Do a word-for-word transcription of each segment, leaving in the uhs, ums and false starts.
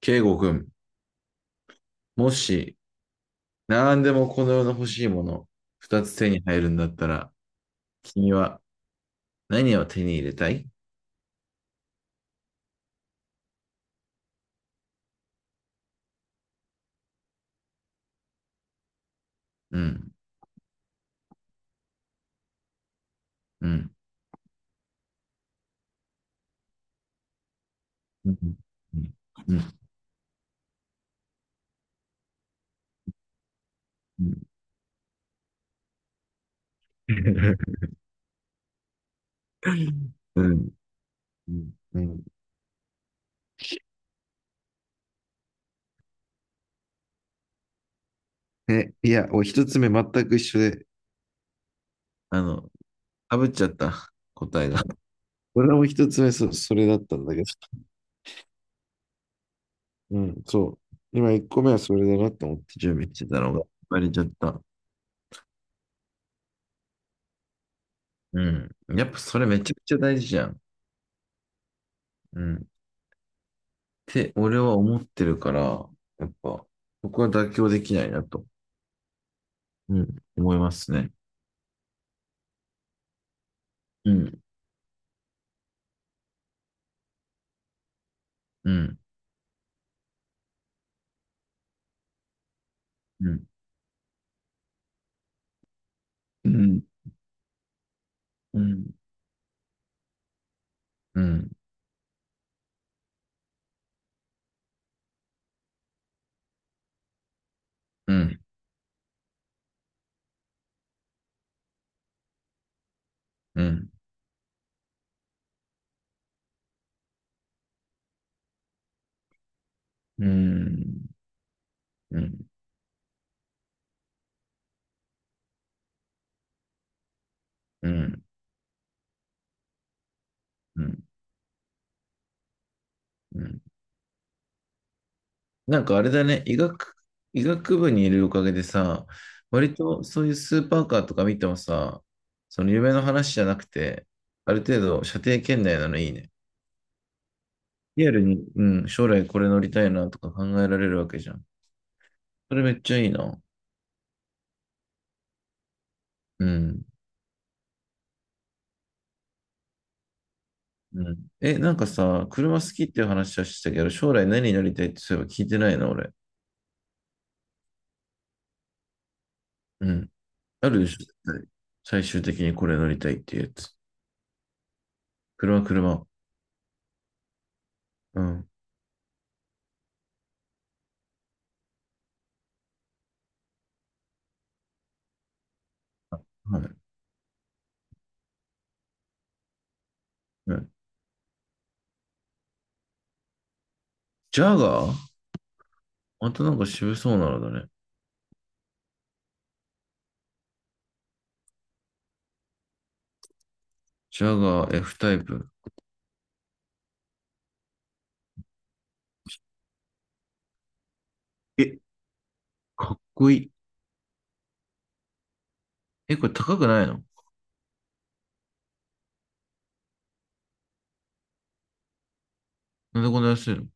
圭吾君、もし、何でもこの世の欲しいもの、二つ手に入るんだったら、君は何を手に入れたい？うん、うん、うん、うん、うん、うん、うん、うん。え、いや、お一つ目全く一緒で、あの、かぶっちゃった、答えが。俺も一つ目そ、それだったんだけど、うん、そう。今一個目はそれだなと思って準備してたのが、バレちゃった。うん。やっぱそれめちゃくちゃ大事じゃん。うん。て、俺は思ってるから、やっぱ、僕は妥協できないなと、うん、思いますね。うん、うん、うん、うん、うん、うん、うん、うん、うん、うん、うん、うん、うん。なんかあれだね、医学、医学部にいるおかげでさ、割とそういうスーパーカーとか見てもさ、その夢の話じゃなくて、ある程度射程圏内なのいいね。リアルに、うん、将来これ乗りたいなとか考えられるわけじゃん。それめっちゃいいな。うん。うん。え、なんかさ、車好きっていう話はしてたけど、将来何になりたいってそういえば聞いてないな、俺。うん。あるでしょ、絶対最終的にこれ乗りたいっていうやつ。車、車。うん。はい。うん、ジャガー。またなんか渋そうなのだね。ジャガー F タイプ。え、かっこいい。え、これ高くないの？なんでこんな安いの？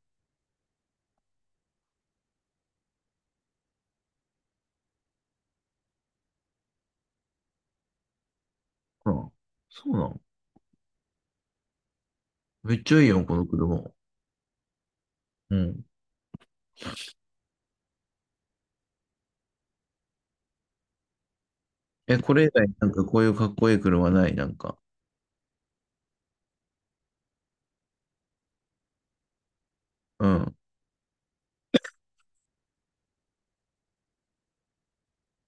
ほら。そうなの？めっちゃいいよ、この車。うん。え、これ以外なんかこういうかっこいい車ない、なんか？うん。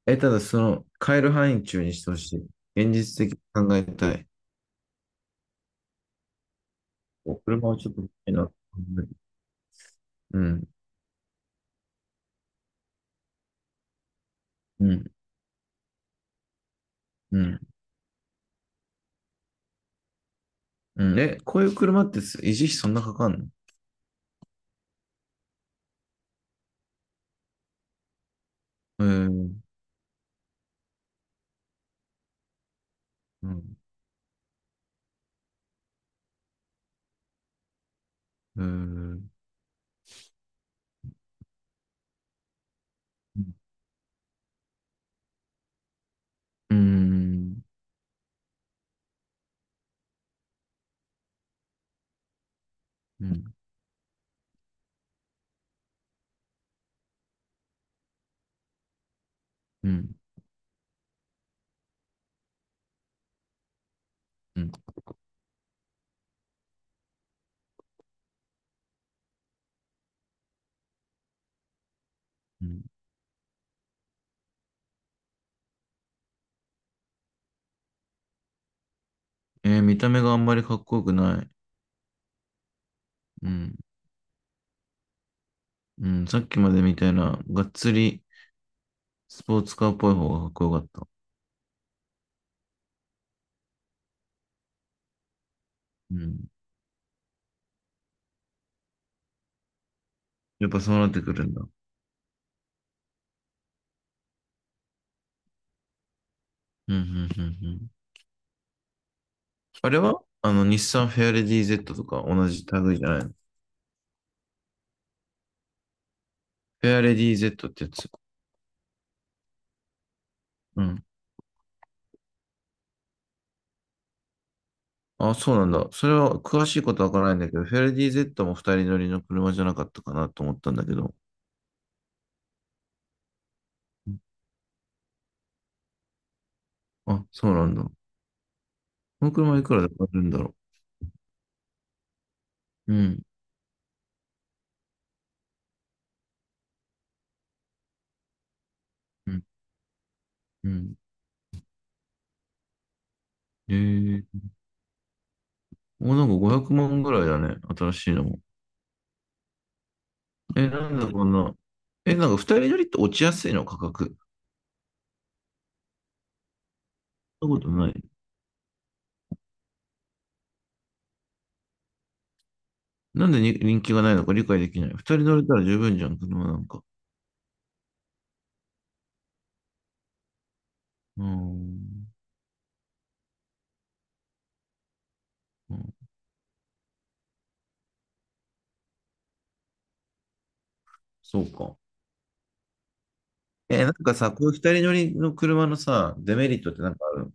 え、ただその、買える範囲中にしてほしい。現実的に考えたい。お車はちょっと見たいな。うん、うん、うん、うん。え、こういう車ってす維持費そんなかかんの？うーん、うん、うーん、うん、うん、うん、うん。うん。えー見た目があんまりかっこよくない。うん、うん。さっきまでみたいな、がっつりスポーツカーっぽい方がかっこよかった。うん。やっぱそうなってくるんだ。うん、うん、うん。あれはあの、日産フェアレディ Z とか同じ類じゃないの？フェアレディ Z ってやつ。うん。あ、そうなんだ。それは詳しいことはわからないんだけど、フェアレディ Z も二人乗りの車じゃなかったかなと思ったんだけど。あ、そうなんだ。この車いくらで買えるんだろう。うん。うん。うん。えー、もうなんかごひゃくまんぐらいだね。新しいのも。え、なんだこんな。え、なんか二人乗りって落ちやすいの価格？そんなことない？なんでに人気がないのか理解できない。二人乗れたら十分じゃん、車なんか。うーん。うん、そうか。え、なんかさ、こういう二人乗りの車のさ、デメリットってなんかある？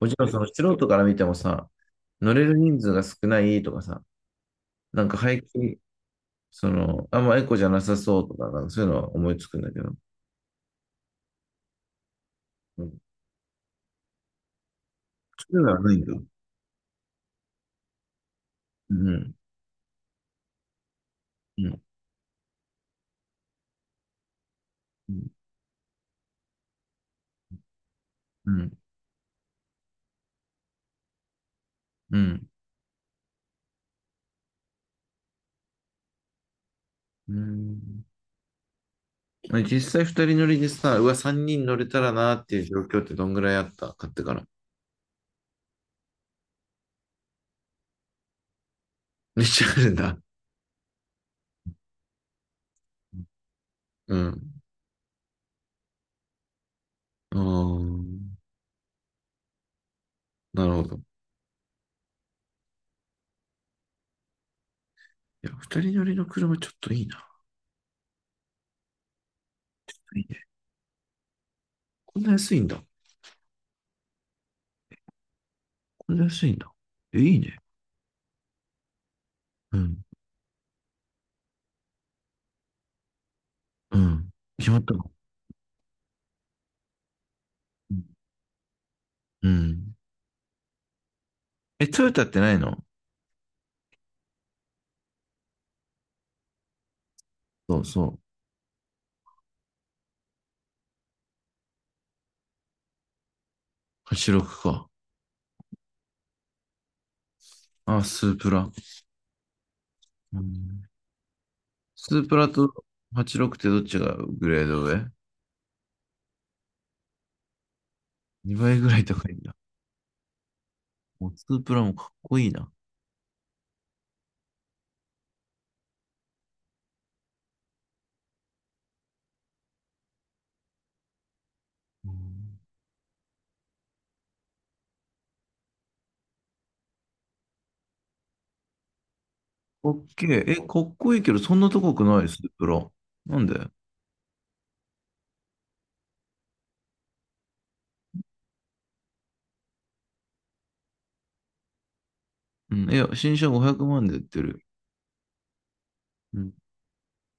もちろんその素人から見てもさ、乗れる人数が少ないとかさ、なんか排気、その、あんまエコじゃなさそうとか、なんかそういうのは思いつくんだけど。うん。そういうのはないんだ。うん。うん。うん。うん。うん、うん。実際二人乗りでさ、うわ、三人乗れたらなっていう状況ってどんぐらいあった買ってから？めっちゃあるんだ。うん。ああ、なるほど。いや、二人乗りの車ちょっといいな。いいね。こんな安いんだ。こんな安いんだ。え、いいね。うん。うん。決まったの？うん。うん。え、トヨタってないの？そうそう。はちろくか。あ、スープラ。うん、スープラとはちろくってどっちがグレード上？ に 倍ぐらい高いんだ。もうスープラもかっこいいな。うん、オッケー。え、かっこいいけど、そんな高くないスープラ。なんで？うん。いや、新車ごひゃくまんで売ってる。うん。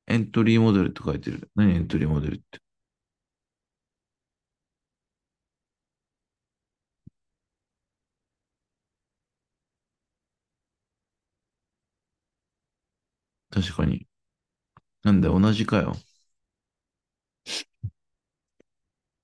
エントリーモデルって書いてる。何エントリーモデルって？確かに。なんだよ、同じかよ。